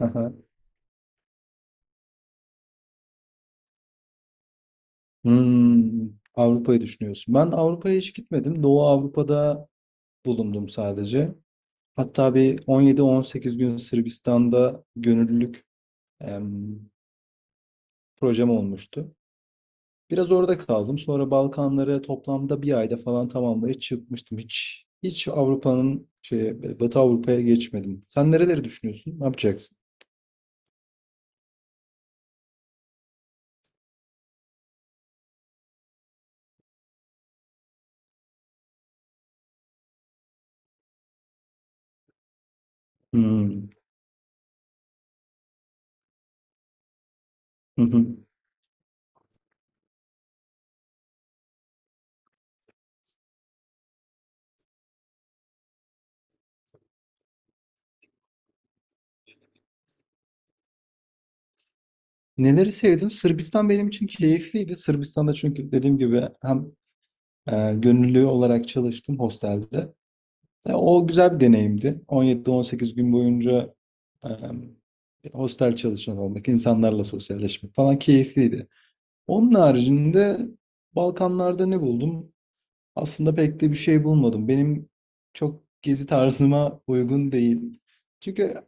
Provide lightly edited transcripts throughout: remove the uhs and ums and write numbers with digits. Aha. Hmm, Avrupa'yı düşünüyorsun. Ben Avrupa'ya hiç gitmedim. Doğu Avrupa'da bulundum sadece. Hatta bir 17-18 gün Sırbistan'da gönüllülük em, projem olmuştu. Biraz orada kaldım. Sonra Balkanları toplamda bir ayda falan tamamlayıp çıkmıştım. Hiç Avrupa'nın Batı Avrupa'ya geçmedim. Sen nereleri düşünüyorsun? Ne yapacaksın? Hmm. Hı hı. Neleri sevdim? Sırbistan benim için keyifliydi. Sırbistan'da çünkü dediğim gibi hem gönüllü olarak çalıştım hostelde. O güzel bir deneyimdi. 17-18 gün boyunca e, hostel çalışan olmak, insanlarla sosyalleşmek falan keyifliydi. Onun haricinde Balkanlarda ne buldum? Aslında pek de bir şey bulmadım. Benim çok gezi tarzıma uygun değil. Çünkü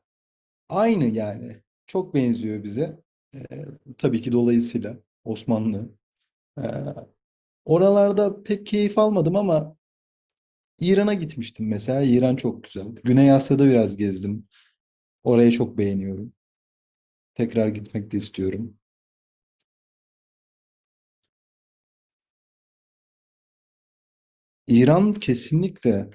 aynı yani. Çok benziyor bize. Ee, tabii ki dolayısıyla Osmanlı. Ee, Oralarda pek keyif almadım ama İran'a gitmiştim mesela. İran çok güzel. Güney Asya'da biraz gezdim. Orayı çok beğeniyorum. Tekrar gitmek de istiyorum. İran kesinlikle.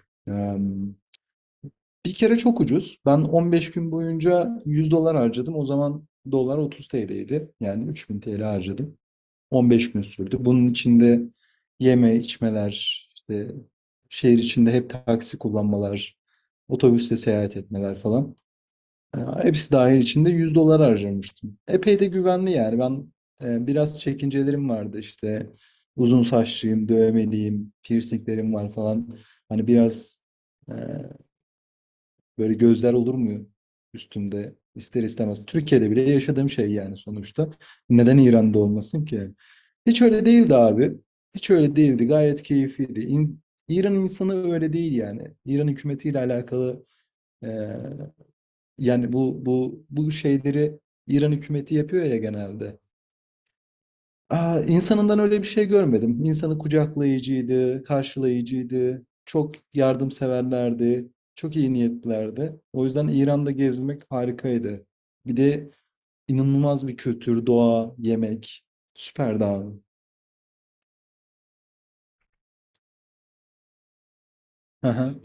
Bir kere çok ucuz. Ben 15 gün boyunca 100 dolar harcadım. O zaman dolar 30 TL'ydi. Yani 3000 TL harcadım. 15 gün sürdü. Bunun içinde yeme, içmeler, işte şehir içinde hep taksi kullanmalar, otobüsle seyahat etmeler falan. Hepsi dahil içinde 100 dolar harcamıştım. Epey de güvenli yani. Ben biraz çekincelerim vardı işte. Uzun saçlıyım, dövmeliyim, piercinglerim var falan. Hani biraz ee, böyle gözler olur mu üstümde ister istemez? Türkiye'de bile yaşadığım şey yani sonuçta. Neden İran'da olmasın ki? Hiç öyle değildi abi. Hiç öyle değildi. Gayet keyifliydi. İran insanı öyle değil yani. İran hükümetiyle alakalı eee, yani bu şeyleri İran hükümeti yapıyor ya genelde. İnsanından öyle bir şey görmedim. İnsanı kucaklayıcıydı, karşılayıcıydı, çok yardımseverlerdi, çok iyi niyetlilerdi. O yüzden İran'da gezmek harikaydı. Bir de inanılmaz bir kültür, doğa, yemek. Süperdi abi. Hı hı,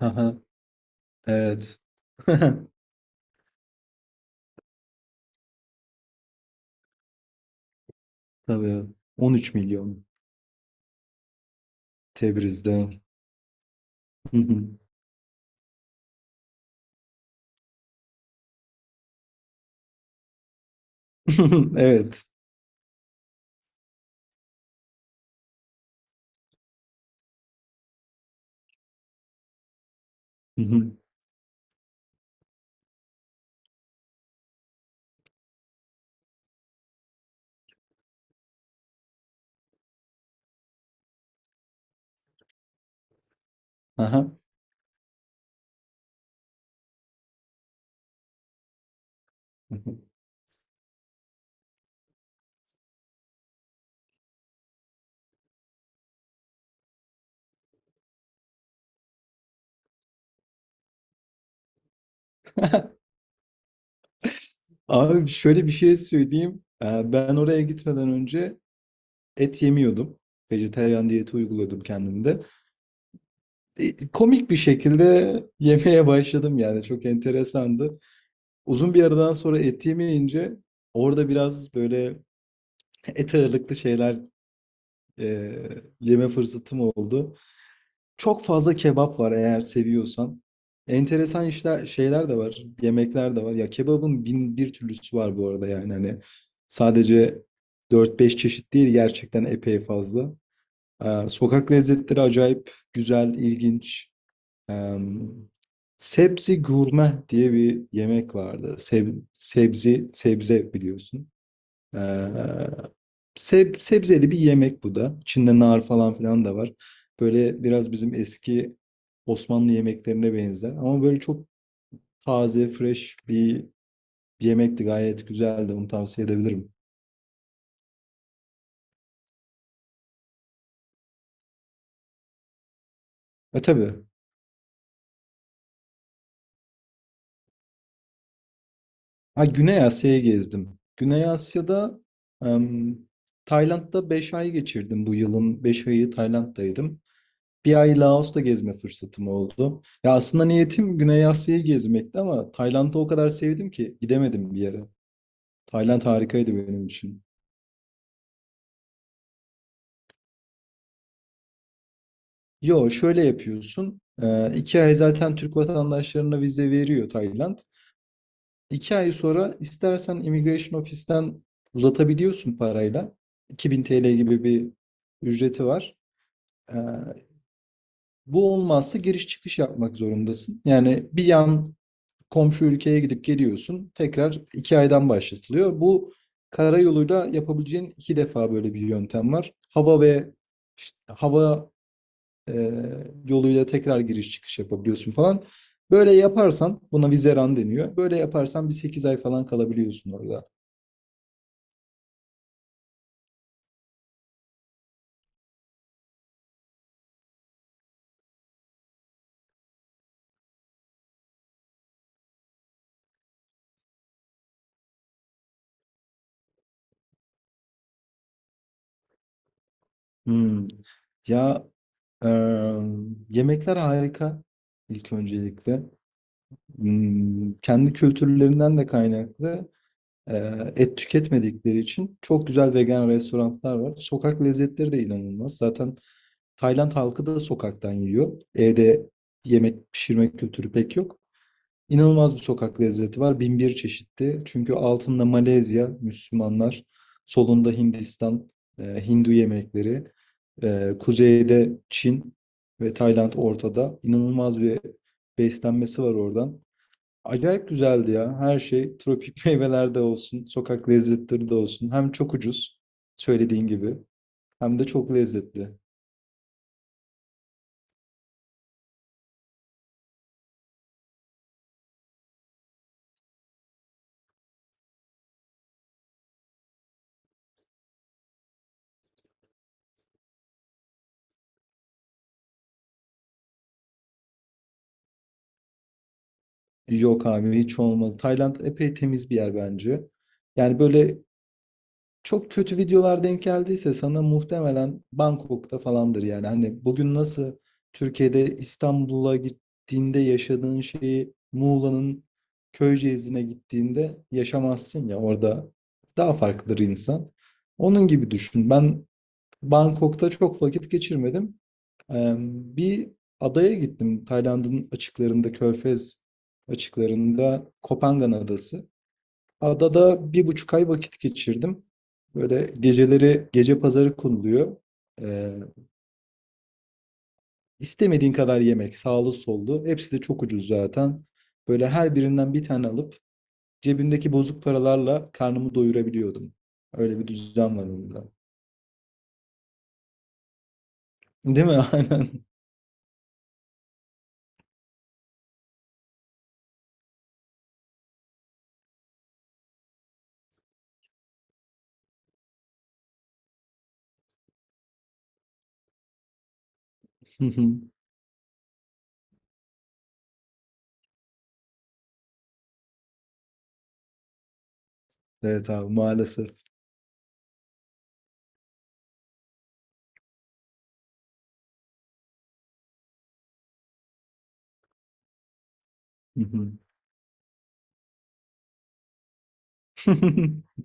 hı hı. Evet. Tabii. 13 milyon. Tebriz'de. Hı hı. Evet. Hı hı. Aha. Abi şöyle bir şey söyleyeyim. Ben oraya gitmeden önce et yemiyordum. Vejetaryen diyeti uyguluyordum kendimde. Komik bir şekilde yemeye başladım yani çok enteresandı. Uzun bir aradan sonra et yemeyince orada biraz böyle et ağırlıklı şeyler e, yeme fırsatım oldu. Çok fazla kebap var eğer seviyorsan. Enteresan işler şeyler de var, yemekler de var. Ya kebabın bin bir türlüsü var bu arada yani hani sadece dört beş çeşit değil gerçekten epey fazla. Sokak lezzetleri acayip güzel, ilginç. Ee, Sebzi gurme diye bir yemek vardı. Sebzi, sebze biliyorsun. Ee, Sebzeli bir yemek bu da. İçinde nar falan filan da var. Böyle biraz bizim eski Osmanlı yemeklerine benzer. Ama böyle çok taze, fresh bir yemekti. Gayet güzeldi. Onu tavsiye edebilirim. E tabii. Ha, Güney Asya'yı gezdim. Güney Asya'da em, Tayland'da 5 ay geçirdim bu yılın. 5 ayı Tayland'daydım. 1 ay Laos'ta gezme fırsatım oldu. Ya aslında niyetim Güney Asya'yı gezmekti ama Tayland'ı o kadar sevdim ki gidemedim bir yere. Tayland harikaydı benim için. Yo şöyle yapıyorsun. 2 ay zaten Türk vatandaşlarına vize veriyor Tayland. 2 ay sonra istersen Immigration Office'ten uzatabiliyorsun parayla. 2000 TL gibi bir ücreti var. Ee, Bu olmazsa giriş çıkış yapmak zorundasın. Yani bir yan komşu ülkeye gidip geliyorsun. Tekrar 2 aydan başlatılıyor. Bu karayoluyla yapabileceğin 2 defa böyle bir yöntem var. Hava ve işte hava e, yoluyla tekrar giriş çıkış yapabiliyorsun falan. Böyle yaparsan buna vizeran deniyor. Böyle yaparsan bir 8 ay falan kalabiliyorsun orada. Hmm. Ya e, yemekler harika ilk öncelikle. Hmm, kendi kültürlerinden de kaynaklı. Et tüketmedikleri için çok güzel vegan restoranlar var. Sokak lezzetleri de inanılmaz. Zaten Tayland halkı da sokaktan yiyor. Evde yemek pişirme kültürü pek yok. İnanılmaz bir sokak lezzeti var. Bin bir çeşitli. Çünkü altında Malezya, Müslümanlar, solunda Hindistan, Hindu yemekleri, kuzeyde Çin ve Tayland ortada. İnanılmaz bir beslenmesi var oradan. Acayip güzeldi ya. Her şey tropik meyvelerde olsun, sokak lezzetleri de olsun. Hem çok ucuz söylediğin gibi hem de çok lezzetli. Yok abi hiç olmadı. Tayland epey temiz bir yer bence. Yani böyle çok kötü videolar denk geldiyse sana muhtemelen Bangkok'ta falandır yani. Hani bugün nasıl Türkiye'de İstanbul'a gittiğinde yaşadığın şeyi Muğla'nın Köyceğiz'ine gittiğinde yaşamazsın ya orada daha farklıdır insan. Onun gibi düşün. Ben Bangkok'ta çok vakit geçirmedim. Bir adaya gittim. Tayland'ın açıklarında, Körfez açıklarında Kopangan Adası. Adada 1,5 ay vakit geçirdim. Böyle geceleri gece pazarı konuluyor. Ee, istemediğin kadar yemek, sağlı sollu. Hepsi de çok ucuz zaten. Böyle her birinden bir tane alıp cebimdeki bozuk paralarla karnımı doyurabiliyordum. Öyle bir düzen var orada. Değil mi? Aynen. Evet abi maalesef.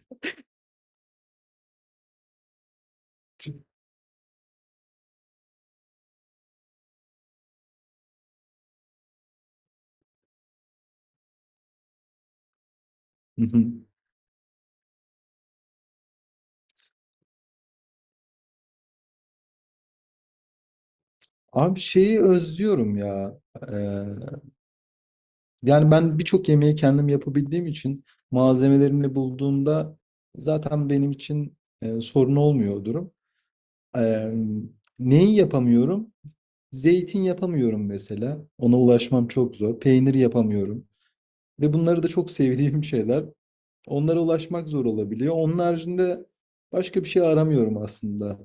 Abi şeyi özlüyorum ya. Yani ben birçok yemeği kendim yapabildiğim için malzemelerimle bulduğumda zaten benim için sorun olmuyor o durum. Eee, Neyi yapamıyorum? Zeytin yapamıyorum mesela. Ona ulaşmam çok zor. Peynir yapamıyorum. Ve bunları da çok sevdiğim şeyler. Onlara ulaşmak zor olabiliyor. Onun haricinde başka bir şey aramıyorum aslında.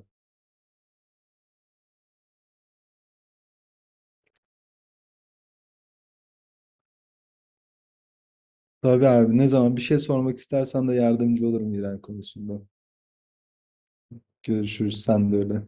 Tabii abi ne zaman bir şey sormak istersen de yardımcı olurum İran konusunda. Görüşürüz sen de öyle.